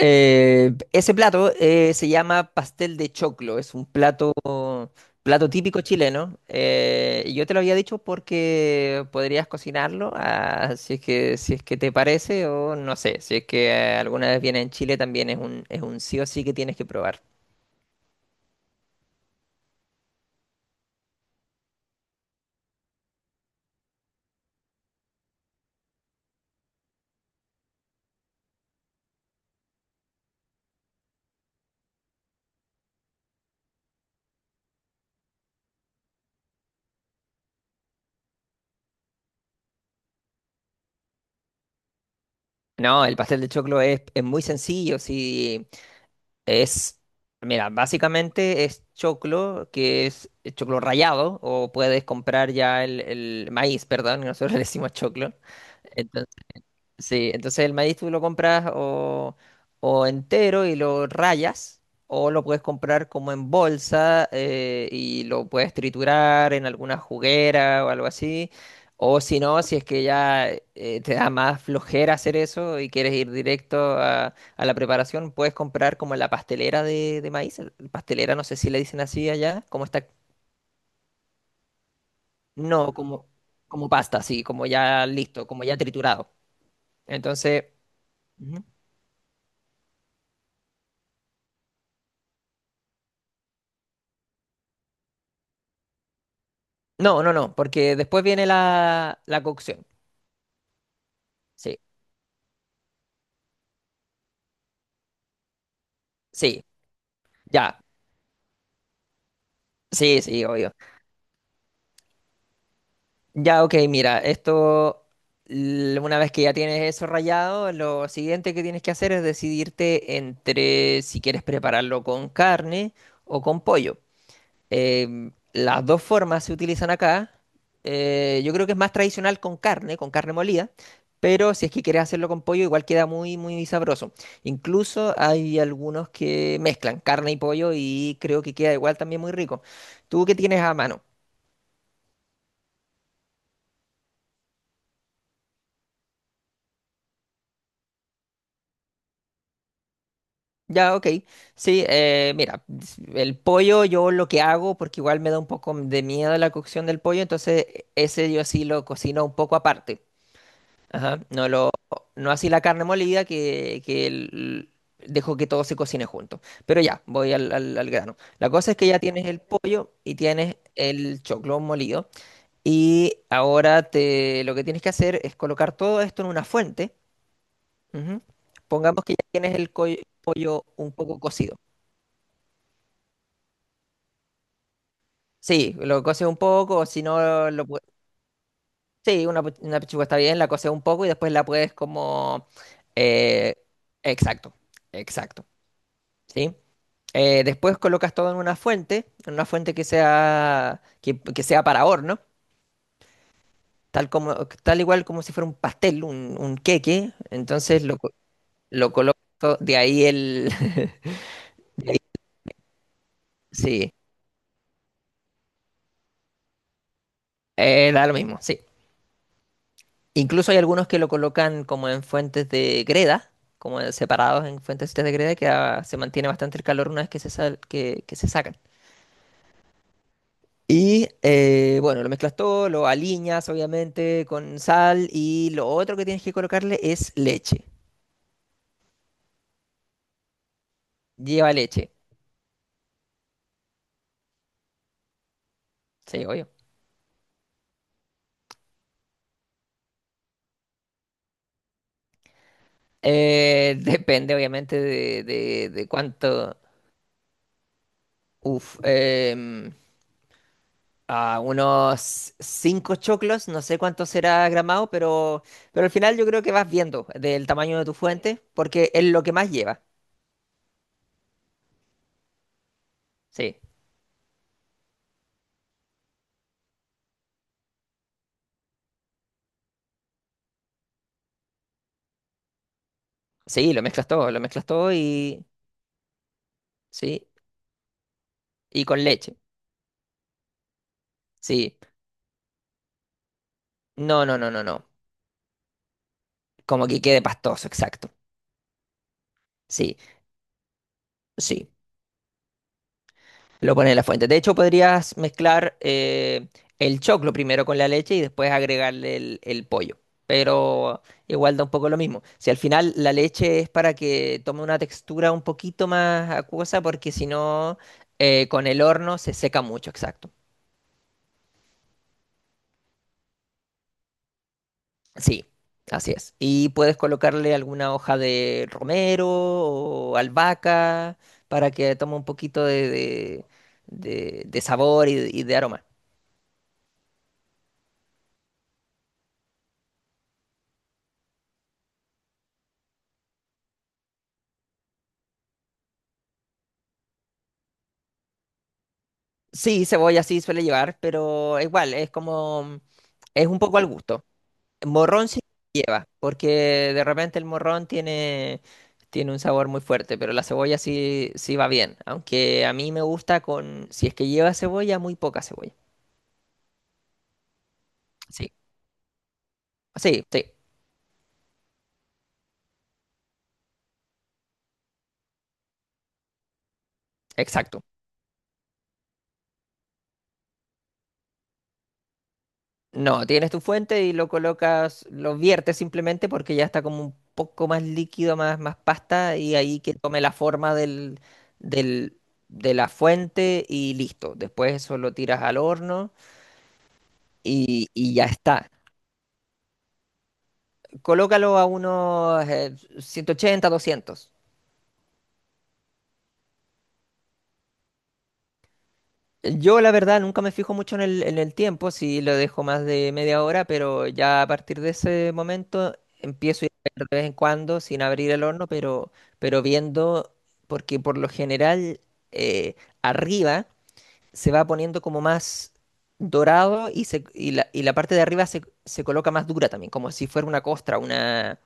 Ese plato se llama pastel de choclo, es un plato típico chileno. Y yo te lo había dicho porque podrías cocinarlo, ah, si es que te parece o no sé, si es que alguna vez viene en Chile también es un sí o sí que tienes que probar. No, el pastel de choclo es muy sencillo, sí, es, mira, básicamente es choclo, que es choclo rallado, o puedes comprar ya el maíz, perdón, nosotros le decimos choclo. Entonces, sí, entonces el maíz tú lo compras o entero y lo rayas, o lo puedes comprar como en bolsa y lo puedes triturar en alguna juguera o algo así. O si no, si es que ya te da más flojera hacer eso y quieres ir directo a la preparación, puedes comprar como la pastelera de maíz. Pastelera, no sé si le dicen así allá, como está. No, como pasta, sí, como ya listo, como ya triturado. Entonces. No, no, no, porque después viene la cocción. Sí, sí, ya. Sí, sí, obvio. Ya, ok, mira, una vez que ya tienes eso rayado, lo siguiente que tienes que hacer es decidirte entre si quieres prepararlo con carne o con pollo. Las dos formas se utilizan acá. Yo creo que es más tradicional con carne molida, pero si es que quieres hacerlo con pollo, igual queda muy, muy sabroso. Incluso hay algunos que mezclan carne y pollo y creo que queda igual también muy rico. ¿Tú qué tienes a mano? Ya, ok. Sí, mira, el pollo yo lo que hago, porque igual me da un poco de miedo la cocción del pollo, entonces ese yo sí lo cocino un poco aparte. Ajá. No así la carne molida que dejo que todo se cocine junto. Pero ya, voy al grano. La cosa es que ya tienes el pollo y tienes el choclo molido. Y ahora lo que tienes que hacer es colocar todo esto en una fuente. Ujú. Pongamos que ya tienes el pollo un poco cocido. Sí, lo coces un poco, o si no, sí, una pechuga está bien, la coces un poco y después la puedes como. Eh, exacto, exacto. ¿Sí? Después colocas todo en una fuente, que sea, que sea para horno, tal como, tal igual como si fuera un pastel, un queque. Entonces lo colocas todo. Sí, da lo mismo, sí. Incluso hay algunos que lo colocan como en fuentes de greda, como separados en fuentes de greda, que se mantiene bastante el calor una vez que que se sacan. Y bueno, lo mezclas todo, lo aliñas obviamente con sal y lo otro que tienes que colocarle es leche. Lleva leche, sí, obvio. Depende obviamente de cuánto. Uf, a unos cinco choclos, no sé cuánto será gramado, pero al final yo creo que vas viendo del tamaño de tu fuente porque es lo que más lleva. Sí, sí, lo mezclas todo. Sí, y con leche, sí. No, no, no, no, no. Como que quede pastoso, exacto. Sí, sí. Lo pones en la fuente. De hecho, podrías mezclar el choclo primero con la leche y después agregarle el pollo. Pero igual da un poco lo mismo. Si al final la leche es para que tome una textura un poquito más acuosa, porque si no, con el horno se seca mucho, exacto. Sí, así es. Y puedes colocarle alguna hoja de romero o albahaca para que tome un poquito de sabor y de aroma. Sí, cebolla sí suele llevar, pero igual, es un poco al gusto. Morrón sí lleva, porque de repente el morrón tiene un sabor muy fuerte, pero la cebolla sí, sí va bien. Aunque a mí me gusta si es que lleva cebolla, muy poca cebolla. Sí, sí, sí, exacto. No, tienes tu fuente y lo colocas, lo viertes simplemente porque ya está como un poco más líquido, más pasta, y ahí que tome la forma del, de la fuente y listo. Después eso lo tiras al horno y ya está. Colócalo a unos 180, 200. Yo la verdad nunca me fijo mucho en en el tiempo, si lo dejo más de media hora, pero ya a partir de ese momento empiezo a ir de vez en cuando sin abrir el horno, pero viendo, porque por lo general eh, arriba se va poniendo como más dorado y la parte de arriba se coloca más dura también, como si fuera una costra.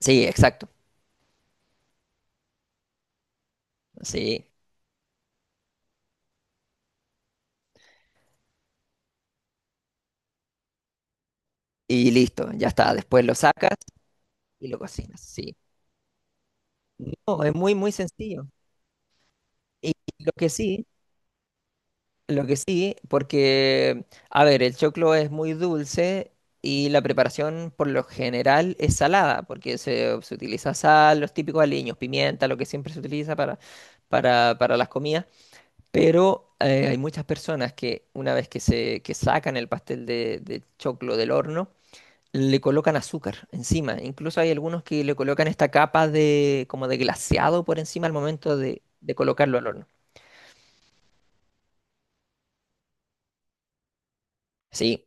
Sí, exacto, sí. Y listo, ya está. Después lo sacas y lo cocinas, sí. No, es muy, muy sencillo. Y lo que sí... Lo que sí, porque, a ver, el choclo es muy dulce y la preparación por lo general es salada, porque se utiliza sal, los típicos aliños, pimienta, lo que siempre se utiliza para las comidas. Pero hay muchas personas que una vez que sacan el pastel de choclo del horno, le colocan azúcar encima. Incluso hay algunos que le colocan esta capa como de glaseado por encima al momento de colocarlo al horno. Sí.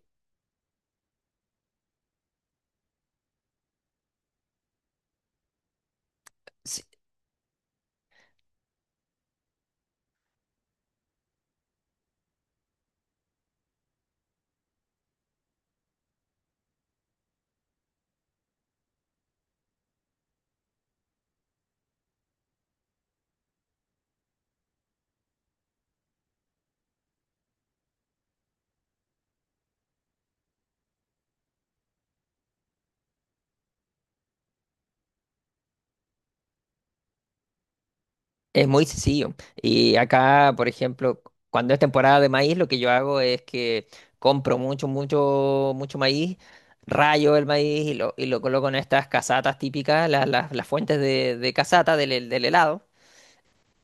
Es muy sencillo. Y acá, por ejemplo, cuando es temporada de maíz, lo que yo hago es que compro mucho, mucho, mucho maíz, rayo el maíz y lo coloco en estas casatas típicas, las fuentes de casata del helado,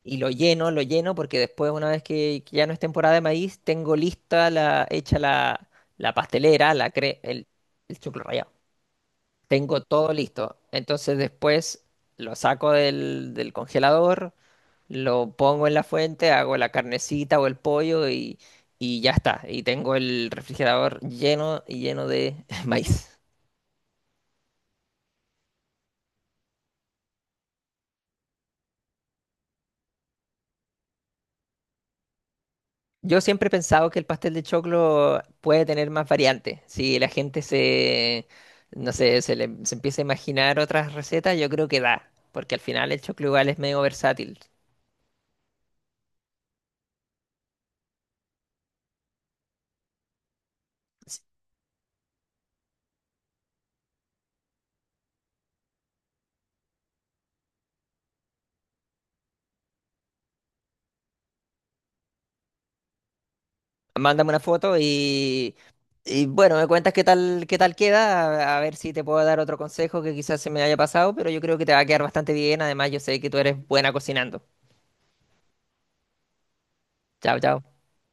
y lo lleno, porque después, una vez que ya no es temporada de maíz, tengo lista hecha la pastelera, el choclo rallado. Tengo todo listo. Entonces después lo saco del congelador, lo pongo en la fuente, hago la carnecita o el pollo y ya está. Y tengo el refrigerador lleno y lleno de maíz. Yo siempre he pensado que el pastel de choclo puede tener más variantes. Si la gente no sé, se empieza a imaginar otras recetas, yo creo que da. Porque al final el choclo igual es medio versátil. Mándame una foto y bueno, me cuentas qué tal queda, a ver si te puedo dar otro consejo que quizás se me haya pasado, pero yo creo que te va a quedar bastante bien. Además, yo sé que tú eres buena cocinando. Chao, chao.